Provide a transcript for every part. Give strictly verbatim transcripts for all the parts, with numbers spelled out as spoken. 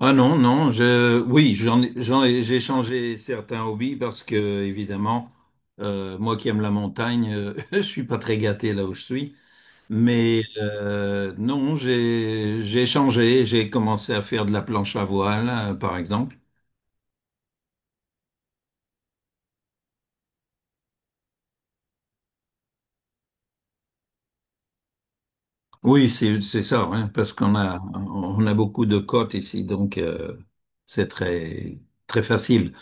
Ah non, non, je, oui, j'en, ai- j'en, ai- j'ai changé certains hobbies parce que, évidemment, euh, moi qui aime la montagne, euh, je suis pas très gâté là où je suis. Mais euh, non, j'ai, j'ai changé, j'ai commencé à faire de la planche à voile, euh, par exemple. Oui, c'est, c'est ça, hein, parce qu'on a, on a beaucoup de côtes ici, donc euh, c'est très, très facile.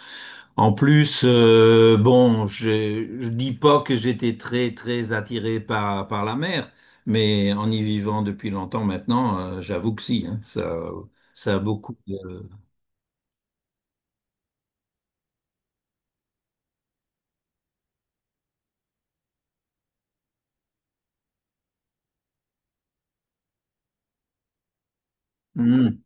En plus, euh, bon, je, je dis pas que j'étais très très attiré par par la mer, mais en y vivant depuis longtemps maintenant, euh, j'avoue que si, hein, ça ça a beaucoup de. Mm.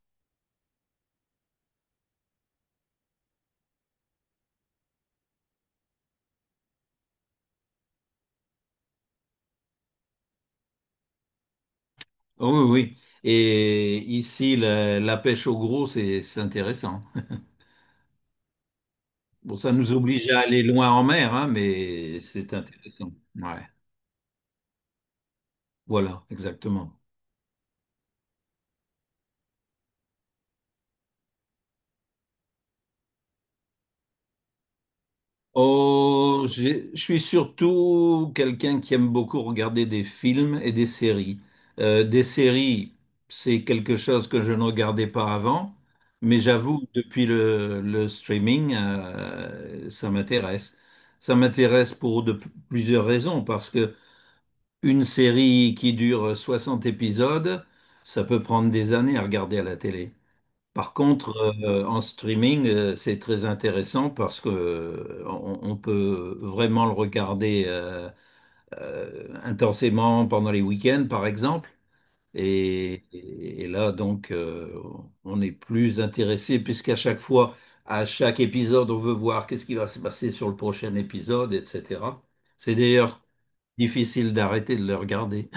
Oh, oui oui. Et ici, la, la pêche au gros, c'est c'est intéressant. Bon, ça nous oblige à aller loin en mer, hein, mais c'est intéressant. Ouais, voilà, exactement. Oh, j'ai- je suis surtout quelqu'un qui aime beaucoup regarder des films et des séries. Euh, des séries, c'est quelque chose que je ne regardais pas avant, mais j'avoue, depuis le, le streaming, euh, ça m'intéresse. Ça m'intéresse pour de p- plusieurs raisons, parce que une série qui dure soixante épisodes, ça peut prendre des années à regarder à la télé. Par contre, euh, en streaming, euh, c'est très intéressant parce que euh, on, on peut vraiment le regarder euh, euh, intensément pendant les week-ends, par exemple. Et, et- et là, donc, euh, on est plus intéressé puisqu'à chaque fois, à chaque épisode, on veut voir qu'est-ce qui va se passer sur le prochain épisode, et cetera. C'est d'ailleurs difficile d'arrêter de le regarder.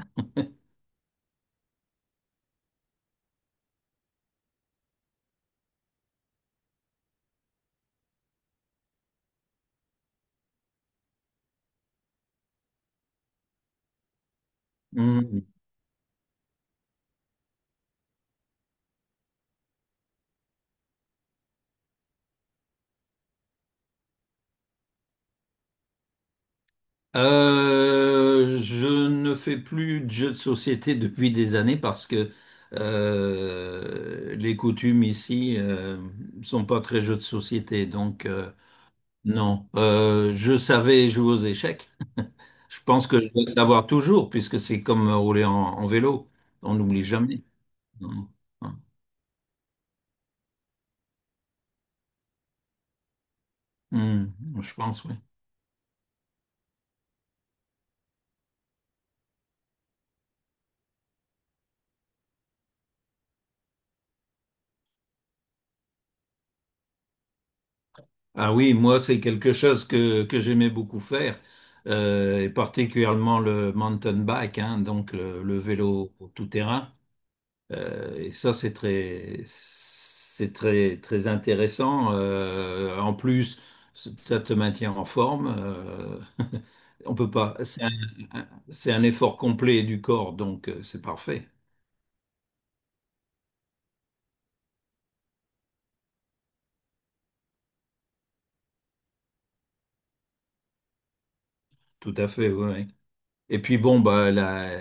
Euh, je ne fais plus de jeux de société depuis des années parce que euh, les coutumes ici euh, sont pas très jeux de société. Donc euh, non, Euh, je savais jouer aux échecs. Je pense que je vais savoir toujours puisque c'est comme rouler en, en vélo. On n'oublie jamais. Non. Hein. Hmm, je pense, oui. Ah oui, moi, c'est quelque chose que, que j'aimais beaucoup faire, euh, et particulièrement le mountain bike, hein, donc le, le vélo tout-terrain. Euh, et ça, c'est très, c'est très, très intéressant. Euh, en plus, ça te maintient en forme, euh, on peut pas. C'est un, un- c'est un effort complet du corps, donc euh, c'est parfait. Tout à fait, oui. Et puis bon, bah, la,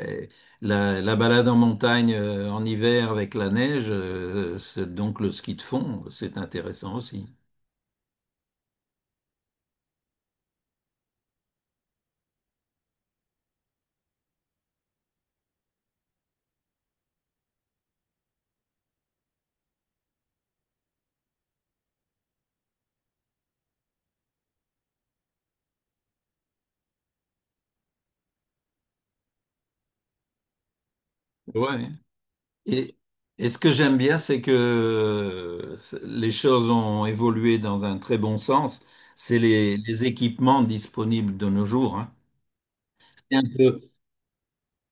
la, la balade en montagne euh, en hiver avec la neige, euh, c'est donc le ski de fond, c'est intéressant aussi. Ouais. Et, et ce que j'aime bien, c'est que euh, c'est- les choses ont évolué dans un très bon sens. C'est les, les équipements disponibles de nos jours, hein. C'est un peu,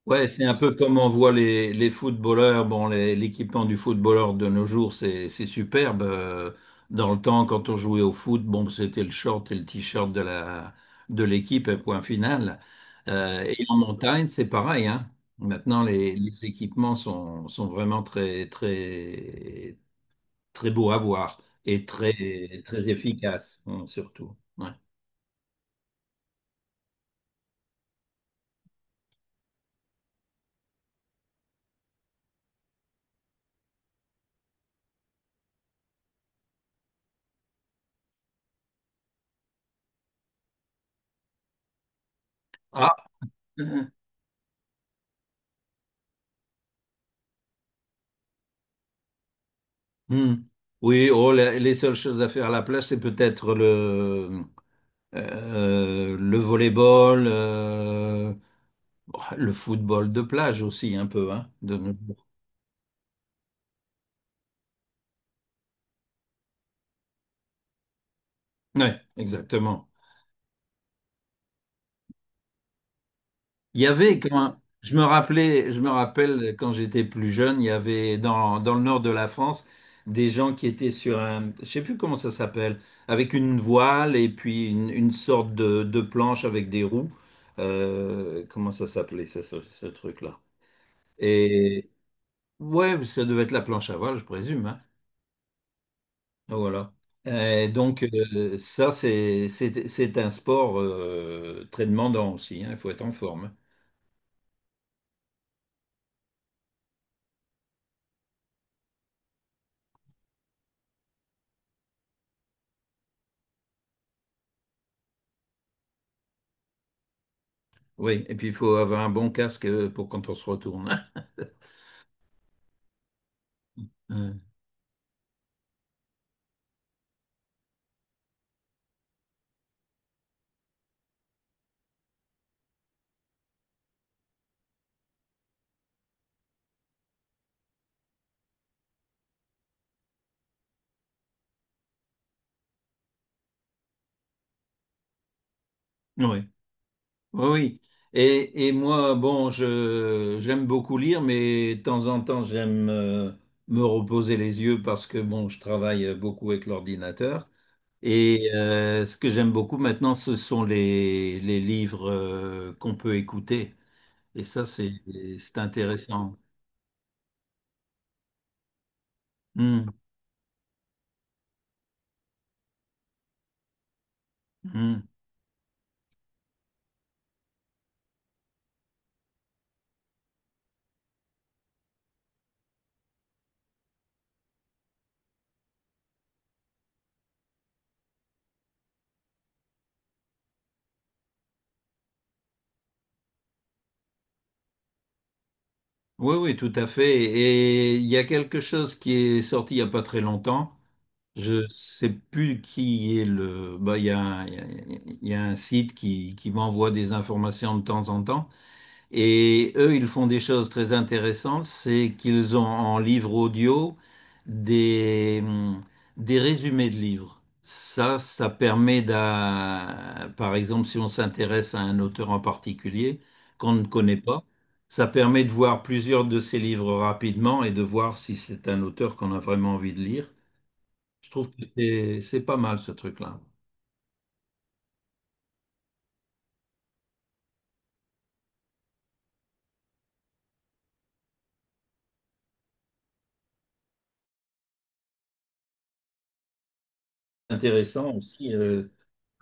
ouais, c'est un peu comme on voit les, les footballeurs. Bon, les- l'équipement du footballeur de nos jours, c'est c'est superbe. Euh, Dans le temps, quand on jouait au foot, bon, c'était le short et le t-shirt de la de l'équipe, et point final. Euh, et en montagne, c'est pareil, hein. Maintenant, les, les équipements sont, sont vraiment très très très beaux à voir et très très efficaces, hein, surtout. Ouais. Ah. Hmm. Oui, oh, la- les seules choses à faire à la plage, c'est peut-être le Euh, le volleyball, euh, bah, le football de plage aussi un peu, hein, de nos jours. Ouais, exactement. Il y avait quand je me rappelais, je me rappelle quand j'étais plus jeune, il y avait dans, dans le nord de la France des gens qui étaient sur un, je sais plus comment ça s'appelle, avec une voile et puis une, une sorte de, de planche avec des roues. Euh, comment ça s'appelait ça, ce, ce truc-là? Et ouais, ça devait être la planche à voile, je présume, hein. Voilà. Euh, donc, euh, ça, c'est c'est- c'est un sport euh, très demandant aussi, hein. Il faut être en forme. Oui, et puis il faut avoir un bon casque euh, pour quand on se retourne. Euh, oui, oui, oui. Et, et moi, bon, je j'aime beaucoup lire, mais de temps en temps, j'aime euh, me reposer les yeux parce que, bon, je travaille beaucoup avec l'ordinateur. Et euh, ce que j'aime beaucoup maintenant, ce sont les, les livres euh, qu'on peut écouter. Et ça, c'est c'est intéressant. Hmm, hmm. Oui, oui, tout à fait. Et il y a quelque chose qui est sorti il n'y a pas très longtemps. Je sais plus qui est le. Bah, il y a, un il y a- il y a un site qui, qui m'envoie des informations de temps en temps. Et eux, ils font des choses très intéressantes, c'est qu'ils ont en livre audio des, hum, des résumés de livres. Ça, ça permet d'un, par exemple, si on s'intéresse à un auteur en particulier qu'on ne connaît pas, ça permet de voir plusieurs de ses livres rapidement et de voir si c'est un auteur qu'on a vraiment envie de lire. Je trouve que c'est c'est pas mal ce truc-là. Intéressant aussi, euh,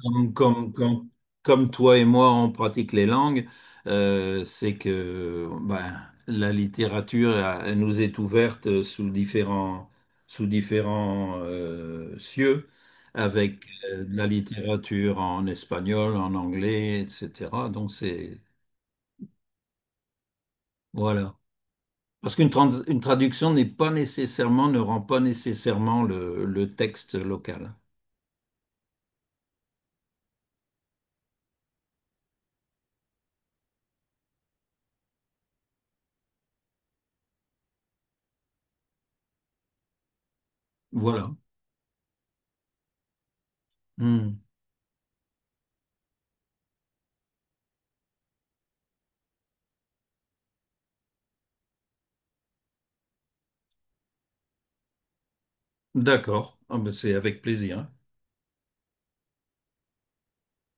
Comme, comme, comme, comme toi et moi, on pratique les langues, euh, c'est que ben, la littérature elle- elle nous est ouverte sous différents, sous différents euh, cieux, avec euh, de la littérature en espagnol, en anglais, et cetera. Donc c'est voilà. Parce qu'une trans- une traduction n'est pas nécessairement, ne rend pas nécessairement le, le texte local. Voilà. Hmm. D'accord. Ah ben, c'est avec plaisir.